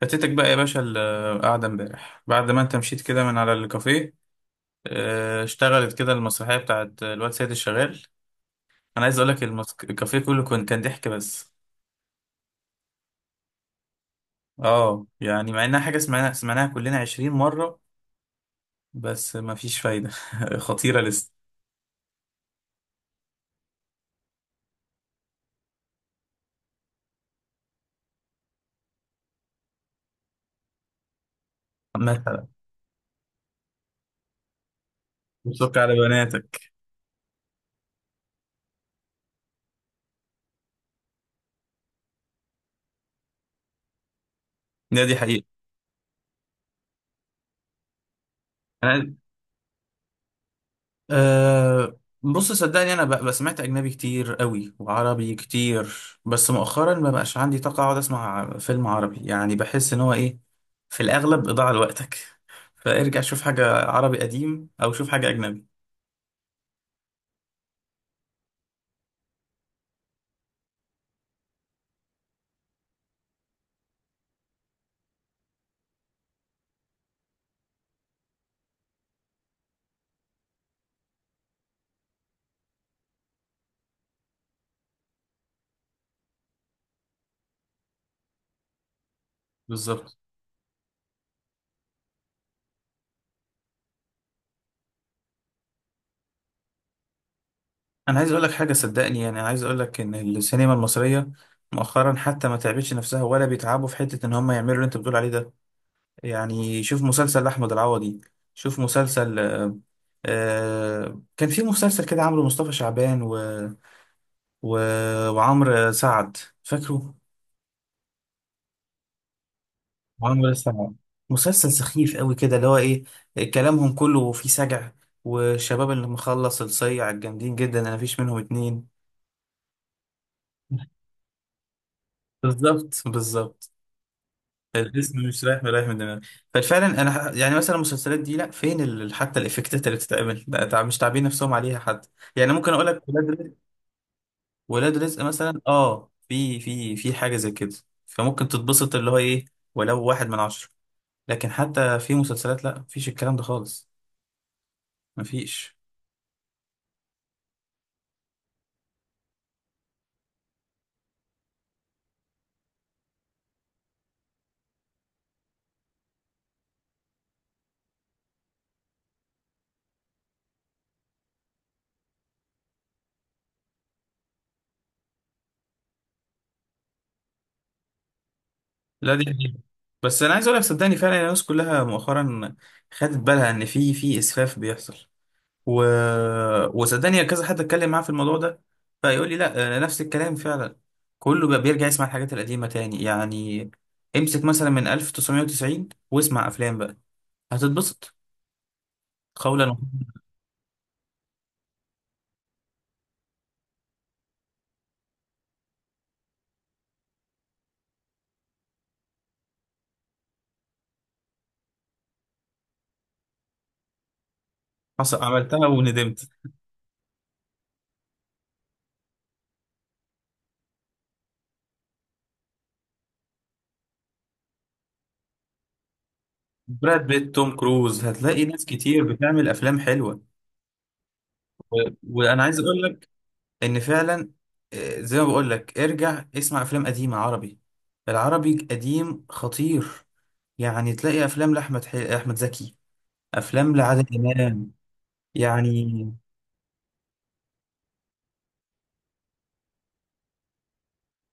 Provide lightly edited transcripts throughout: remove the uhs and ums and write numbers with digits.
فاتتك بقى يا باشا القعدة امبارح بعد ما انت مشيت كده من على الكافيه. اه، اشتغلت كده المسرحية بتاعت الواد سيد الشغال. انا عايز اقولك الكافيه كله كان ضحك بس. اه، يعني مع انها حاجة سمعناها سمعناها كلنا عشرين مرة، بس ما فيش فايدة. خطيرة لسه. مثلا بتشك على بناتك. ده دي حقيقة. انا بص صدقني انا بقى سمعت اجنبي كتير قوي وعربي كتير، بس مؤخرا ما بقاش عندي طاقه اقعد اسمع فيلم عربي، يعني بحس ان هو ايه، في الاغلب اضاعه لوقتك. فارجع شوف حاجه عربي قديم او شوف حاجه اجنبي. بالظبط. انا عايز اقول لك حاجه صدقني، يعني انا عايز اقول لك ان السينما المصريه مؤخرا حتى ما تعبتش نفسها ولا بيتعبوا في حته ان هم يعملوا اللي انت بتقول عليه ده. يعني شوف مسلسل أحمد العوضي، شوف مسلسل كان في مسلسل كده عامله مصطفى شعبان و... وعمرو سعد. فاكره عمرو سعد؟ مسلسل سخيف قوي كده اللي هو ايه، كلامهم كله فيه سجع، والشباب اللي مخلص الصيع الجامدين جدا انا مفيش منهم اتنين. بالظبط، بالظبط. الاسم مش رايح ولا رايح من دماغي. ففعلا انا يعني مثلا المسلسلات دي لا فين حتى الافكتات اللي بتتعمل لا، مش تعبين نفسهم عليها حد. يعني ممكن اقول لك ولاد رزق، ولاد رزق مثلا اه، في حاجه زي كده، فممكن تتبسط اللي هو ايه ولو واحد من عشره، لكن حتى في مسلسلات لا مفيش الكلام ده خالص، مفيش. لا دي حقيقة. بس انا عايز اقول لك صدقني فعلا الناس كلها مؤخرا خدت بالها ان في اسفاف بيحصل و... وصدقني كذا حد اتكلم معاه في الموضوع ده، فيقول لي لا نفس الكلام فعلا، كله بقى بيرجع يسمع الحاجات القديمة تاني. يعني امسك مثلا من 1990 واسمع افلام بقى، هتتبسط. قولا. حصل عملتها وندمت. براد بيت، توم كروز، هتلاقي ناس كتير بتعمل افلام حلوة. و... وانا عايز اقول لك ان فعلا زي ما بقول لك ارجع اسمع افلام قديمة عربي. العربي قديم خطير، يعني تلاقي افلام احمد زكي، افلام لعادل امام يعني.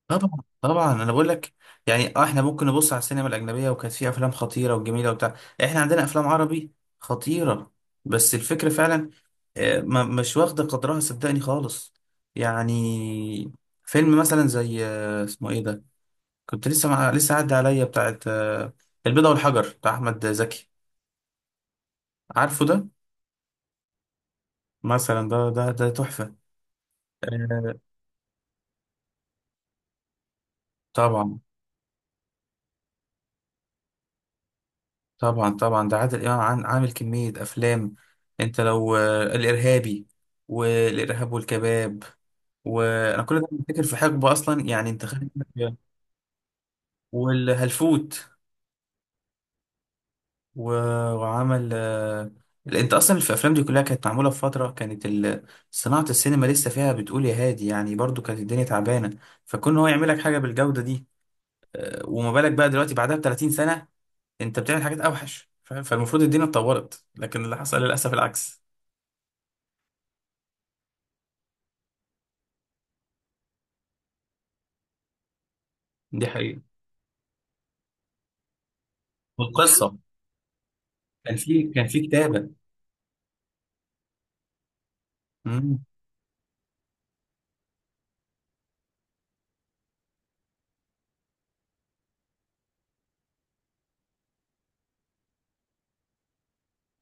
طبعا طبعا. انا بقول لك يعني، اه احنا ممكن نبص على السينما الاجنبيه وكانت فيها افلام خطيره وجميله وبتاع، احنا عندنا افلام عربي خطيره، بس الفكره فعلا مش واخده قدرها صدقني خالص. يعني فيلم مثلا زي اسمه ايه ده، كنت لسه عدى عليا بتاعت البيضه والحجر بتاع احمد زكي، عارفه ده؟ مثلا ده تحفه. آه، طبعا طبعا. طبعا ده عادل امام عامل كمية افلام. انت لو الارهابي والارهاب والكباب، وانا كل ده بفتكر في حقبة اصلا، يعني انت خلي بالك، والهلفوت و- وعمل انت اصلا في الافلام دي كلها كانت معمولة في فترة كانت صناعة السينما لسه فيها بتقول يا هادي، يعني برضو كانت الدنيا تعبانة، فكون هو يعمل لك حاجة بالجودة دي، وما بالك بقى دلوقتي بعدها ب 30 سنة، انت بتعمل حاجات اوحش فالمفروض الدنيا اتطورت، لكن اللي حصل للاسف العكس. دي حقيقة. والقصه كان في كتابه. مم.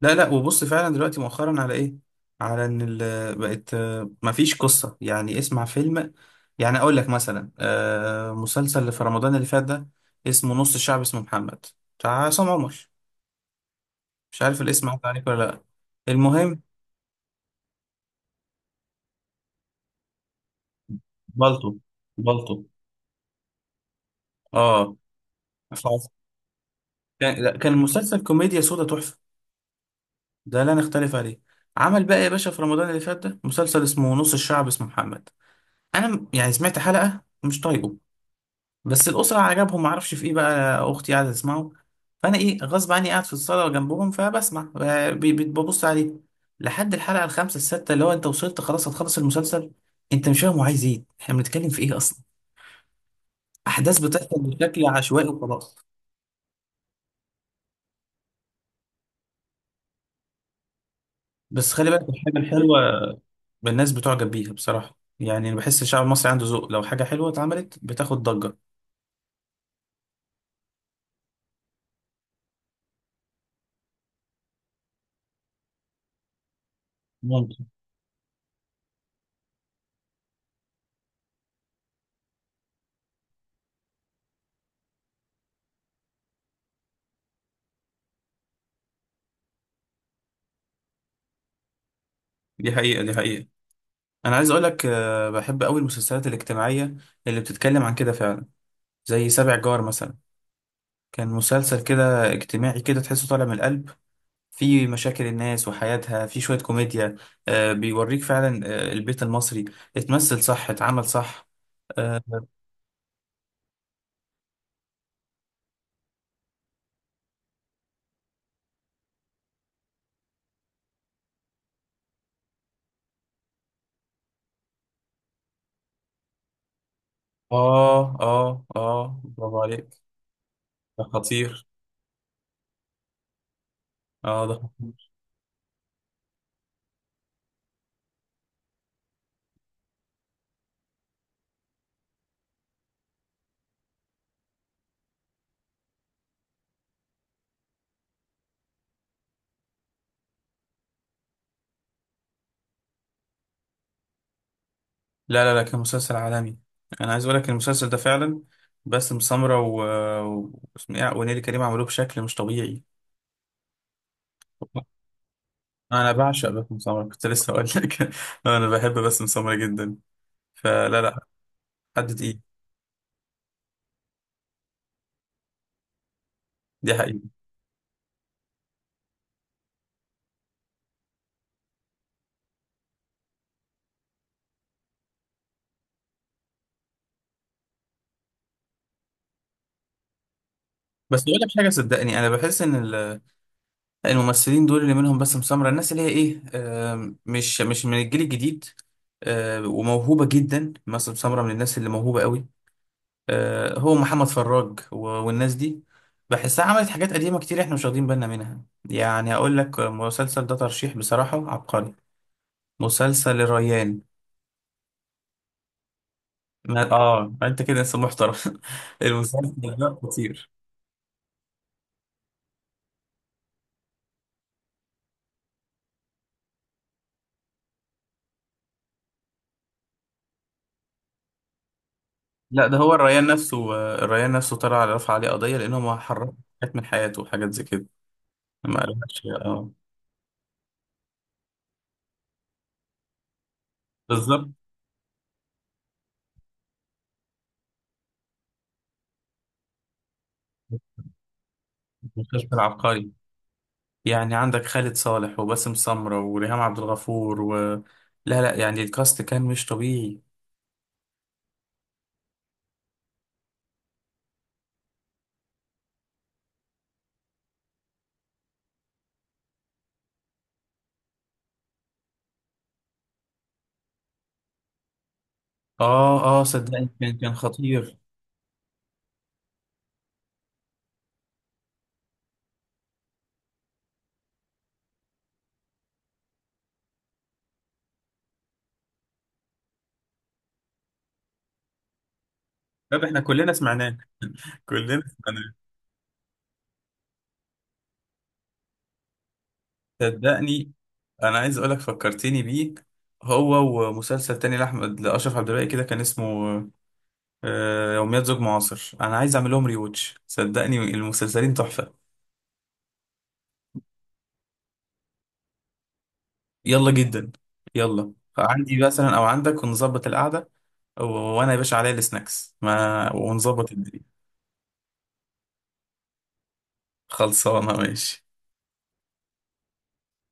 لا لا، وبص فعلا دلوقتي مؤخرا على ايه، على ان بقت ما فيش قصه، يعني اسمع فيلم، يعني اقول لك مثلا مسلسل اللي في رمضان اللي فات ده اسمه نص الشعب اسمه محمد، بتاع عصام عمر، مش عارف الاسم عدى عليك ولا لا. المهم بالطو، بالطو. اه. ف- كان لا، كان المسلسل كوميديا سودا تحفه، ده لا نختلف عليه. عمل بقى يا باشا في رمضان اللي فات ده مسلسل اسمه نص الشعب اسمه محمد. انا يعني سمعت حلقه مش طايقه، بس الاسره عجبهم معرفش في ايه، بقى اختي قاعده تسمعه، فانا ايه غصب عني قاعد في الصاله جنبهم فبسمع ببص عليه لحد الحلقه الخامسه السادسه، اللي هو انت وصلت خلاص هتخلص المسلسل، انت مش فاهم هو عايز ايه، احنا بنتكلم في ايه اصلا، احداث بتحصل بشكل عشوائي وخلاص. بس خلي بالك الحاجه الحلوه، الناس بتعجب بيها بصراحه، يعني بحس الشعب المصري عنده ذوق، لو حاجه حلوه اتعملت بتاخد ضجه. ممكن. دي حقيقه، دي حقيقه. انا عايز اقولك بحب قوي المسلسلات الاجتماعيه اللي بتتكلم عن كده فعلا، زي سابع جار مثلا، كان مسلسل كده اجتماعي كده تحسه طالع من القلب، في مشاكل الناس وحياتها، في شويه كوميديا، بيوريك فعلا البيت المصري، اتمثل صح، اتعمل صح. اه، اه. اه برافو عليك. ده خطير. اه ده خطير. لا لا لا، كان مسلسل عالمي. انا عايز اقولك المسلسل ده فعلا باسم سمرة واسمه إيه؟ ونيلي كريم عملوه بشكل مش طبيعي. انا بعشق باسم سمرة، كنت لسه اقول لك. انا بحب باسم سمرة جدا. فلا لا، حد تقيل. دي حقيقة. بس اقول لك حاجة صدقني انا بحس ان الممثلين دول اللي منهم باسم سمرة، الناس اللي هي ايه، مش من الجيل الجديد، وموهوبة جدا، باسم سمرة من الناس اللي موهوبة قوي، هو محمد فراج والناس دي، بحسها عملت حاجات قديمة كتير احنا مش واخدين بالنا منها. يعني اقول لك مسلسل ده ترشيح بصراحة عبقري، مسلسل الريان. اه انت كده انسان محترم. المسلسل ده خطير. لا ده هو الريان نفسه، الريان نفسه طلع على رفع عليه قضية لأنه ما حرم حاجات من حياته وحاجات زي كده، ما قالهاش. اه. بالظبط. المستشفى العبقري، يعني عندك خالد صالح وباسم سمرة وريهام عبد الغفور لا لا، يعني الكاست كان مش طبيعي. اه اه، صدقني كان خطير. طب احنا كلنا سمعناه. كلنا. صدقني انا عايز اقولك فكرتني بيه، هو ومسلسل تاني لاشرف عبد الباقي كده كان اسمه يوميات زوج معاصر، انا عايز اعمل لهم ريوتش صدقني، المسلسلين تحفه. يلا جدا، يلا عندي مثلا او عندك ونظبط القعده، وانا يا باشا عليا السناكس ما، ونظبط الدنيا. خلصانه، ماشي.